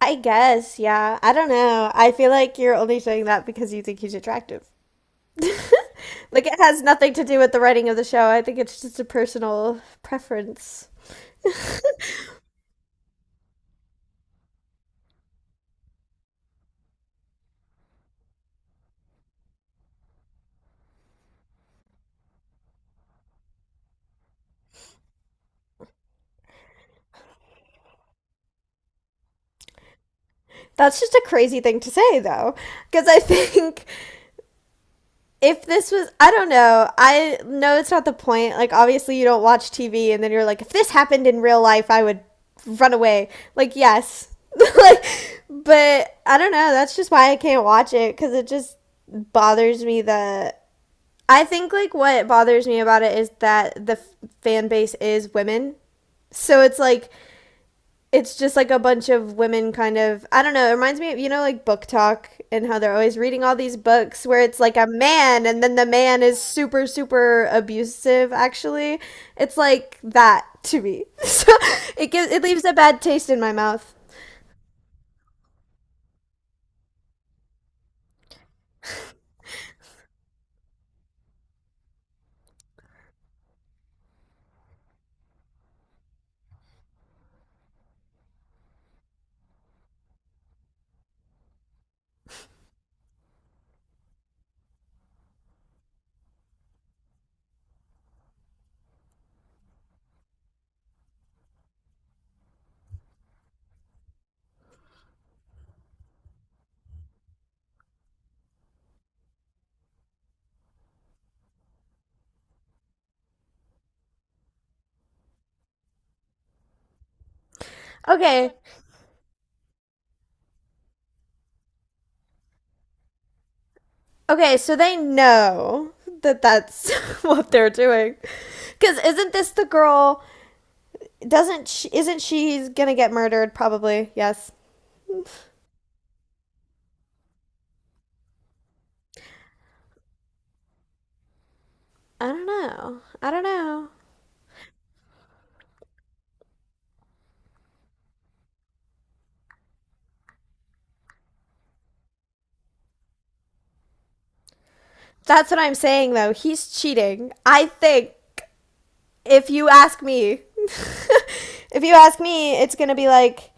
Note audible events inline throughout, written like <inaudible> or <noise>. I guess, yeah. I don't know. I feel like you're only saying that because you think he's attractive. Like it has nothing to do with the writing of the show. I think it's just a personal preference. That's just a crazy thing to say though, because I <laughs> think if this was I don't know. I know it's not the point. Like obviously you don't watch TV and then you're like if this happened in real life, I would run away. Like yes. <laughs> Like but I don't know. That's just why I can't watch it cuz it just bothers me that I think like what bothers me about it is that the fan base is women. So it's like it's just like a bunch of women kind of I don't know, it reminds me of like book talk and how they're always reading all these books where it's like a man and then the man is super abusive actually. It's like that to me. <laughs> So it gives it leaves a bad taste in my mouth. Okay. Okay, so they know that that's <laughs> what they're doing. Cuz isn't this the girl doesn't she, isn't she gonna get murdered? Probably. Yes. I don't know. I don't know. That's what I'm saying though. He's cheating. I think if you ask me, <laughs> if you ask me, it's gonna be like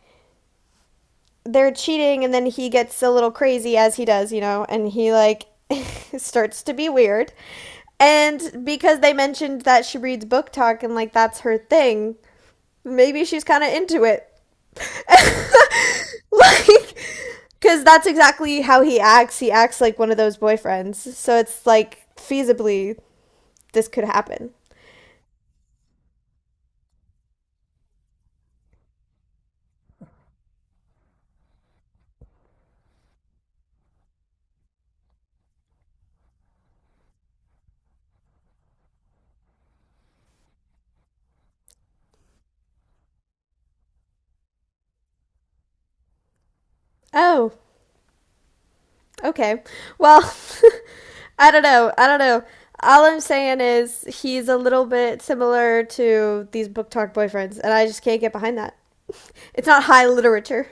they're cheating, and then he gets a little crazy as he does, you know, and he like <laughs> starts to be weird. And because they mentioned that she reads book talk and like that's her thing, maybe she's kind of into it. <laughs> like because that's exactly how he acts like one of those boyfriends, so it's like feasibly this could happen. Oh, okay. Well, <laughs> I don't know. All I'm saying is he's a little bit similar to these book talk boyfriends, and I just can't get behind that. It's not high literature.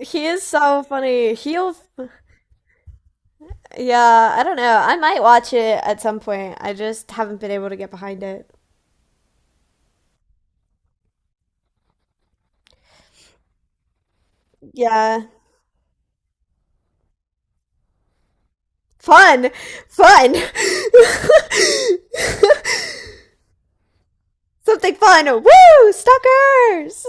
He is so funny. He'll yeah I don't know, I might watch it at some point. I just haven't been able to get behind it. Yeah. Fun! Fun! <laughs> Something fun! Woo! Stalkers!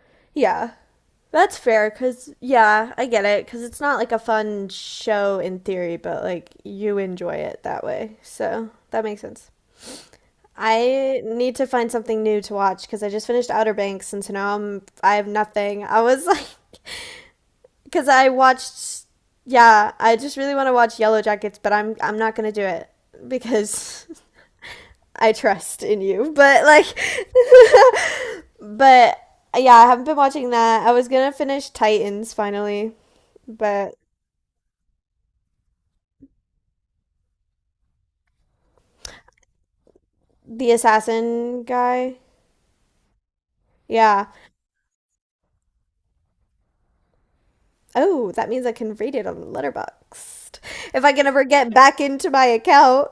<laughs> Yeah. That's fair, because, yeah, I get it, because it's not like a fun show in theory, but like you enjoy it that way. So that makes sense. I need to find something new to watch because I just finished Outer Banks, and so now I have nothing. I was like because I watched. Yeah, I just really want to watch Yellow Jackets, but I'm not gonna do it because <laughs> I trust in you. But like, <laughs> but yeah, I haven't been watching that. I was gonna finish Titans finally, but the assassin guy. Yeah. Oh, that means I can read it on Letterboxd. If I can ever get back into my account,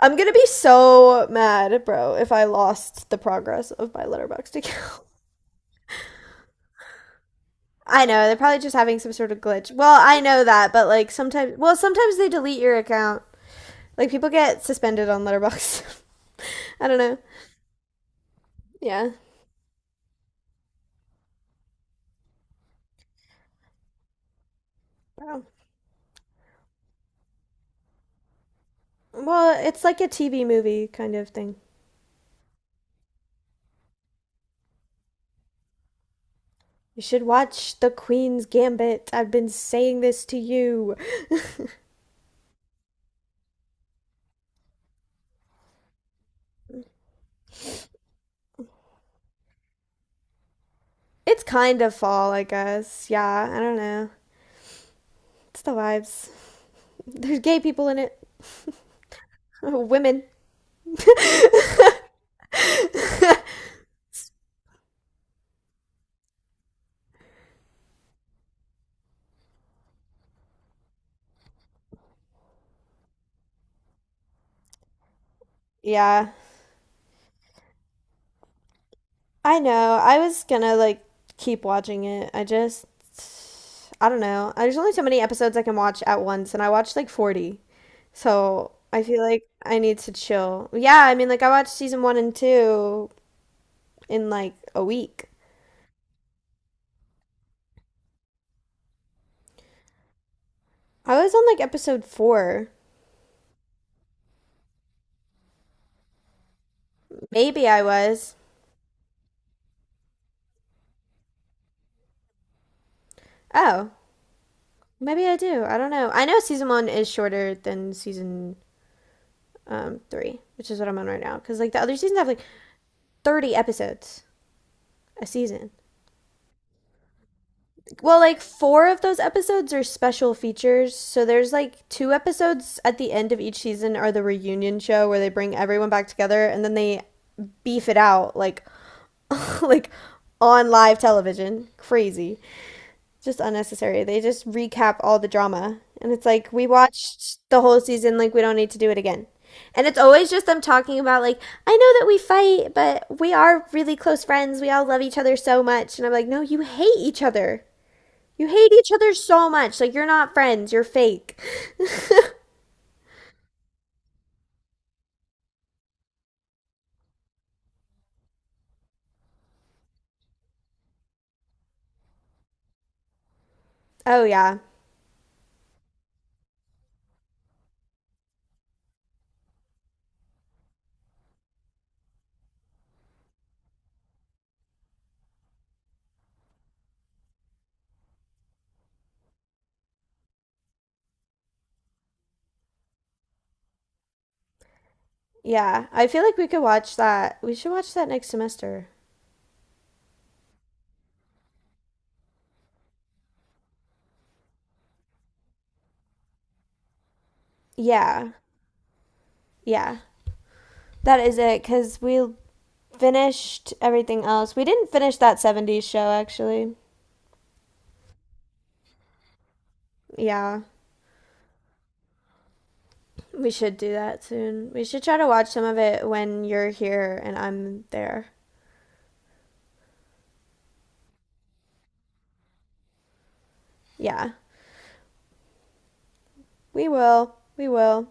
I'm gonna be so mad, bro, if I lost the progress of my Letterboxd account. I know they're probably just having some sort of glitch. Well, I know that, but like sometimes, well, sometimes they delete your account. Like people get suspended on Letterbox. <laughs> I don't know. Yeah. Oh. Well, it's like a TV movie kind of thing. You should watch The Queen's Gambit. I've been saying this to you. It's kind of fall, I guess. Yeah, I don't know. It's the vibes. There's gay people in it. <laughs> Women. <laughs> Yeah. I know. I was gonna like keep watching it. I just I don't know. There's only so many episodes I can watch at once, and I watched like 40. So I feel like I need to chill. Yeah, I mean, like I watched season one and two in like a week. I was on like episode four. Maybe I was. Oh, maybe I do. I don't know. I know season one is shorter than season three, which is what I'm on right now. Because like the other seasons have like 30 episodes a season. Well, like four of those episodes are special features. So there's like two episodes at the end of each season are the reunion show where they bring everyone back together, and then they beef it out like <laughs> like on live television. Crazy. Just unnecessary. They just recap all the drama and it's like we watched the whole season like we don't need to do it again. And it's always just them talking about like I know that we fight, but we are really close friends. We all love each other so much. And I'm like, "No, you hate each other." You hate each other so much. Like, you're not friends. You're fake. <laughs> Oh, yeah. Yeah. I feel like we could watch that. We should watch that next semester. Yeah. Yeah. That is it. Because we finished everything else. We didn't finish that '70s show, actually. Yeah. We should do that soon. We should try to watch some of it when you're here and I'm there. Yeah. We will. We will.